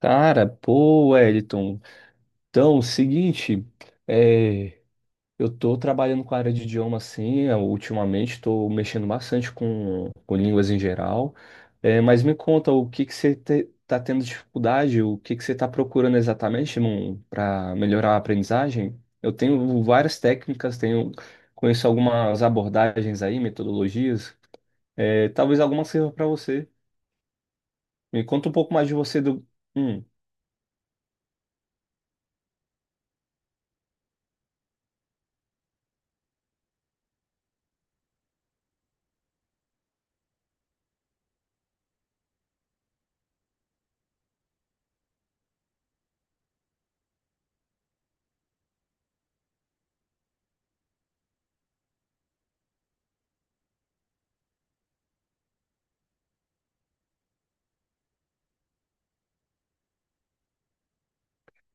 Cara, pô, Wellington. Então, seguinte, é, eu tô trabalhando com a área de idioma assim, eu, ultimamente tô mexendo bastante com línguas em geral. É, mas me conta, o que que você tá tendo dificuldade? O que que você tá procurando exatamente para melhorar a aprendizagem? Eu tenho várias técnicas, tenho conheço algumas abordagens aí, metodologias. É, talvez alguma sirva para você. Me conta um pouco mais de você do. Hum,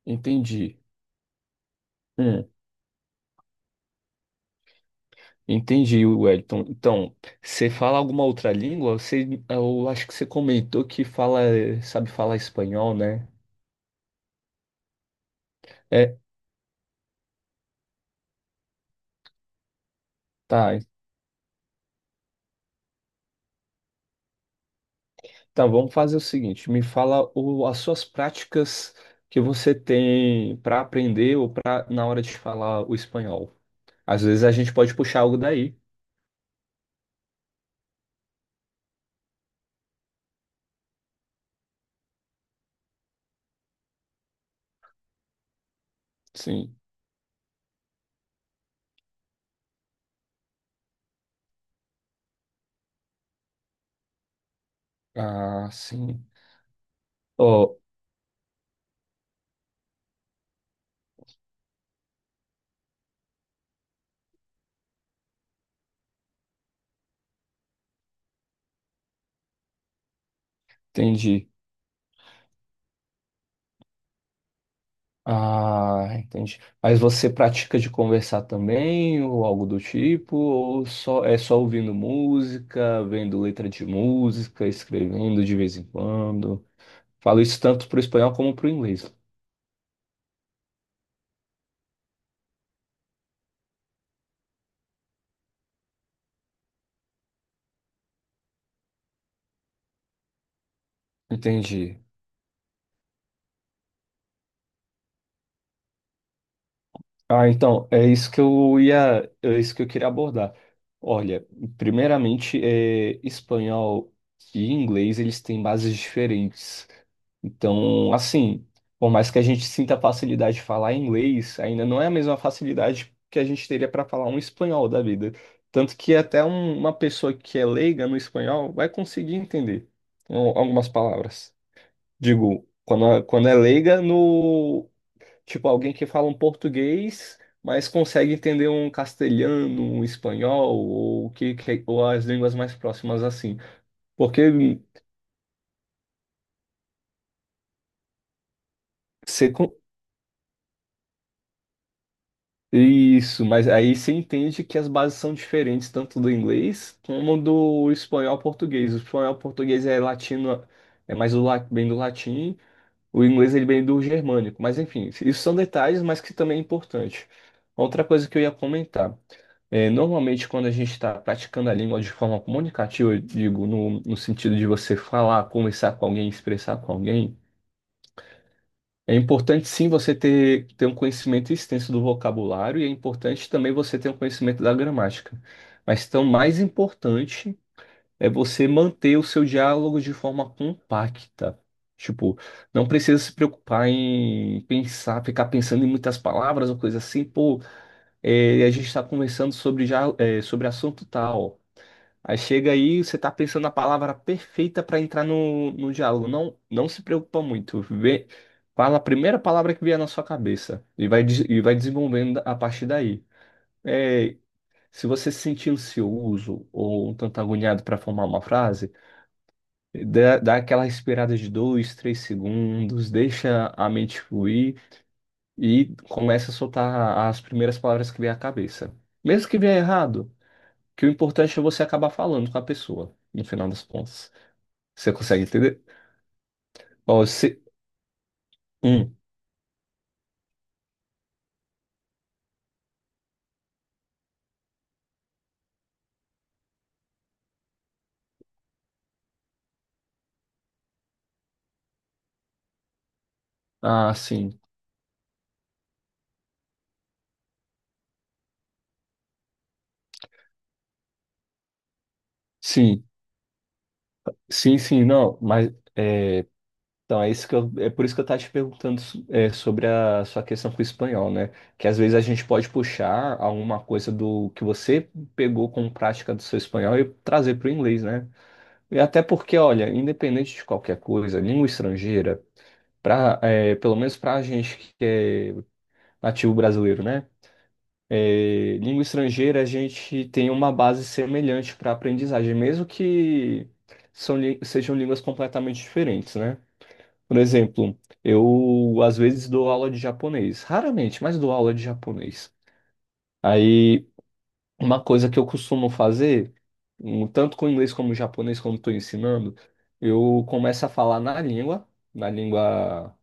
entendi. Hum. Entendi, Wellington. Então, você fala alguma outra língua? Eu acho que você comentou que fala, sabe falar espanhol, né? É, tá. Então, vamos fazer o seguinte: me fala as suas práticas que você tem para aprender ou para na hora de falar o espanhol. Às vezes a gente pode puxar algo daí. Sim. Ah, sim. Ó, entendi. Ah, entendi. Mas você pratica de conversar também, ou algo do tipo, ou só é só ouvindo música, vendo letra de música, escrevendo de vez em quando? Falo isso tanto para o espanhol como para o inglês. Entendi. Ah, então, é isso que eu queria abordar. Olha, primeiramente, espanhol e inglês, eles têm bases diferentes. Então, assim, por mais que a gente sinta facilidade de falar inglês, ainda não é a mesma facilidade que a gente teria para falar um espanhol da vida. Tanto que até uma pessoa que é leiga no espanhol vai conseguir entender algumas palavras. Digo, quando, quando é leiga no, tipo, alguém que fala um português, mas consegue entender um castelhano, um espanhol, ou, ou as línguas mais próximas assim. Porque Isso, mas aí você entende que as bases são diferentes tanto do inglês como do espanhol ao português. O espanhol ao português é latino, é mais bem do latim, o inglês ele vem do germânico. Mas enfim, isso são detalhes, mas que também é importante. Outra coisa que eu ia comentar. É, normalmente, quando a gente está praticando a língua de forma comunicativa, eu digo, no sentido de você falar, conversar com alguém, expressar com alguém, é importante sim você ter um conhecimento extenso do vocabulário e é importante também você ter um conhecimento da gramática. Mas então, mais importante é você manter o seu diálogo de forma compacta. Tipo, não precisa se preocupar em pensar, ficar pensando em muitas palavras ou coisa assim. Pô, é, a gente está conversando sobre, já, é, sobre assunto tal. Aí chega aí, você tá pensando na palavra perfeita para entrar no diálogo. Não, não se preocupa muito. Vê, fala a primeira palavra que vier na sua cabeça e e vai desenvolvendo a partir daí. É, se você se sentir ansioso ou um tanto agoniado para formar uma frase, dá aquela respirada de dois, três segundos, deixa a mente fluir e começa a soltar as primeiras palavras que vier à cabeça. Mesmo que vier errado, que o importante é você acabar falando com a pessoa, no final das contas. Você consegue entender? Ó, se... Hum. Ah, sim. Sim. Sim, sim, não, mas... É... Então, é por isso que eu tava te perguntando sobre a sua questão com o espanhol, né? Que às vezes a gente pode puxar alguma coisa do que você pegou como prática do seu espanhol e trazer para o inglês, né? E até porque, olha, independente de qualquer coisa, língua estrangeira, pelo menos para a gente que é nativo brasileiro, né? É, língua estrangeira, a gente tem uma base semelhante para aprendizagem, mesmo que sejam línguas completamente diferentes, né? Por exemplo, eu às vezes dou aula de japonês, raramente, mas dou aula de japonês. Aí, uma coisa que eu costumo fazer, tanto com inglês como japonês, quando estou ensinando, eu começo a falar na língua, na língua.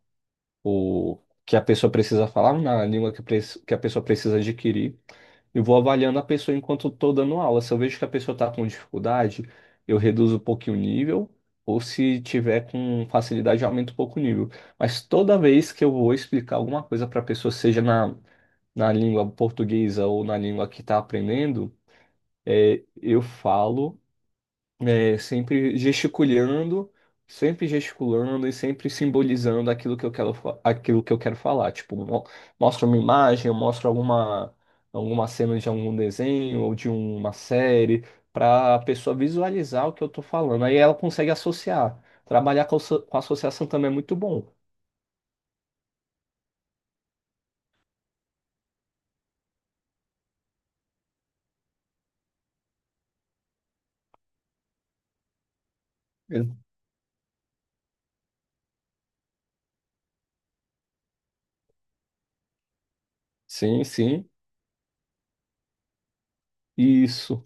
O que a pessoa precisa falar, na língua que a pessoa precisa adquirir. Eu vou avaliando a pessoa enquanto estou dando aula. Se eu vejo que a pessoa está com dificuldade, eu reduzo um pouquinho o nível, ou se tiver com facilidade, eu aumento um pouco o nível. Mas toda vez que eu vou explicar alguma coisa para a pessoa, seja na língua portuguesa ou na língua que está aprendendo, é, eu falo. É, sempre gesticulando, sempre gesticulando e sempre simbolizando aquilo que eu aquilo que eu quero falar. Mostra uma imagem, eu mostro alguma cena de algum desenho ou de uma série, para a pessoa visualizar o que eu estou falando. Aí ela consegue associar. Trabalhar com associação também é muito bom. É. Sim, sim. Isso.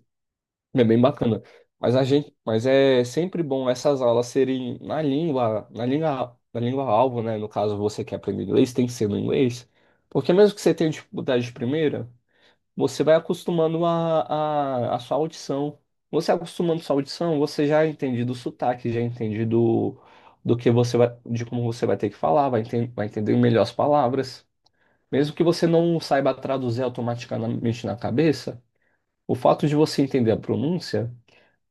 É bem bacana. Mas é sempre bom essas aulas serem na língua alvo, né? No caso, você quer aprender inglês, tem que ser no inglês. Porque mesmo que você tenha dificuldade de primeira, você vai acostumando a sua audição. Você acostumando sua audição, você já entende do sotaque, já entende do que você vai, de como você vai ter que falar, vai entender melhor as palavras. Mesmo que você não saiba traduzir automaticamente na cabeça, o fato de você entender a pronúncia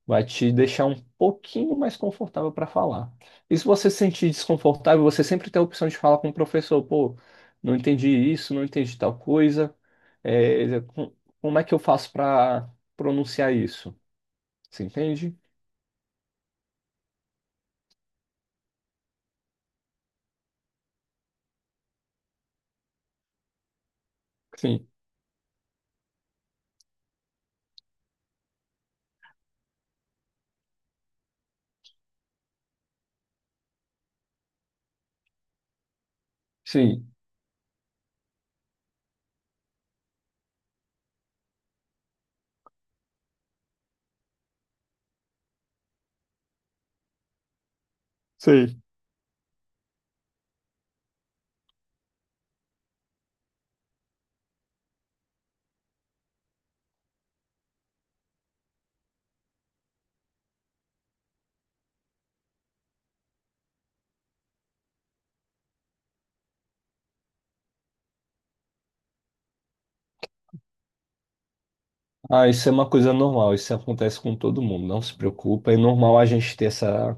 vai te deixar um pouquinho mais confortável para falar. E se você se sentir desconfortável, você sempre tem a opção de falar com o professor, pô, não entendi isso, não entendi tal coisa. É, é, com- como é que eu faço para pronunciar isso? Você entende? Sim, sim. Sim. Ah, isso é uma coisa normal, isso acontece com todo mundo, não se preocupa. É normal a gente ter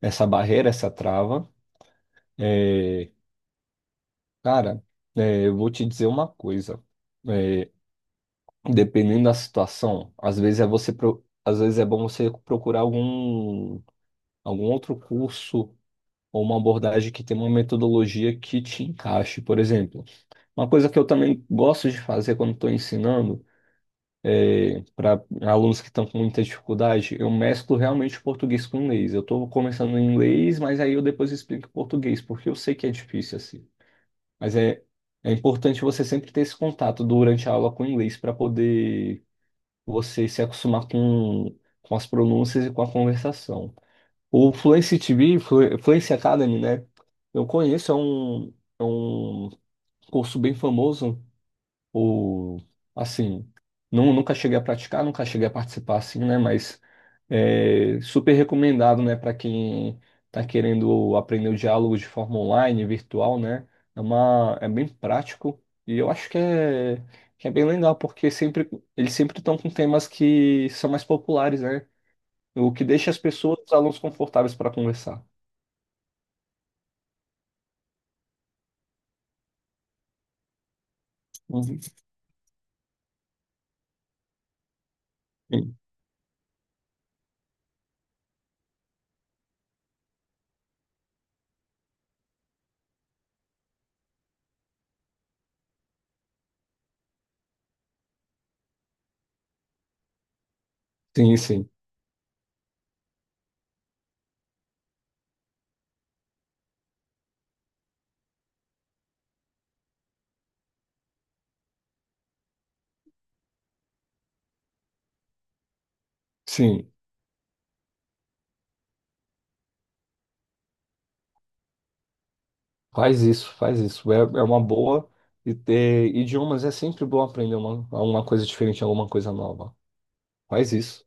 essa barreira, essa trava. Cara, é, eu vou te dizer uma coisa. É, dependendo da situação, às vezes é bom você procurar algum outro curso ou uma abordagem que tenha uma metodologia que te encaixe, por exemplo. Uma coisa que eu também gosto de fazer quando estou ensinando para alunos que estão com muita dificuldade, eu mesclo realmente o português com o inglês. Eu estou começando em inglês, mas aí eu depois explico em português, porque eu sei que é difícil assim. Mas é, é importante você sempre ter esse contato durante a aula com o inglês para poder você se acostumar com as pronúncias e com a conversação. O Fluency TV, Fluency Academy, né? Eu conheço, é um curso bem famoso ou assim, não, nunca cheguei a praticar, nunca cheguei a participar assim, né? Mas é super recomendado, né, para quem está querendo aprender o diálogo de forma online, virtual, né? É bem prático e eu acho que é bem legal, porque sempre, eles sempre estão com temas que são mais populares, né? O que deixa as pessoas, os alunos confortáveis para conversar. Uhum. Sim, sim. Sim. Faz isso, faz isso. É, é uma boa. E ter idiomas é sempre bom aprender uma coisa diferente, alguma coisa nova. Faz isso.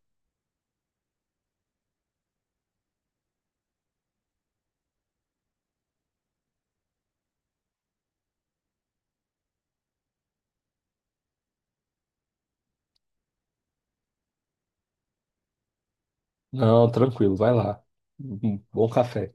Não, tranquilo, vai lá. Bom café.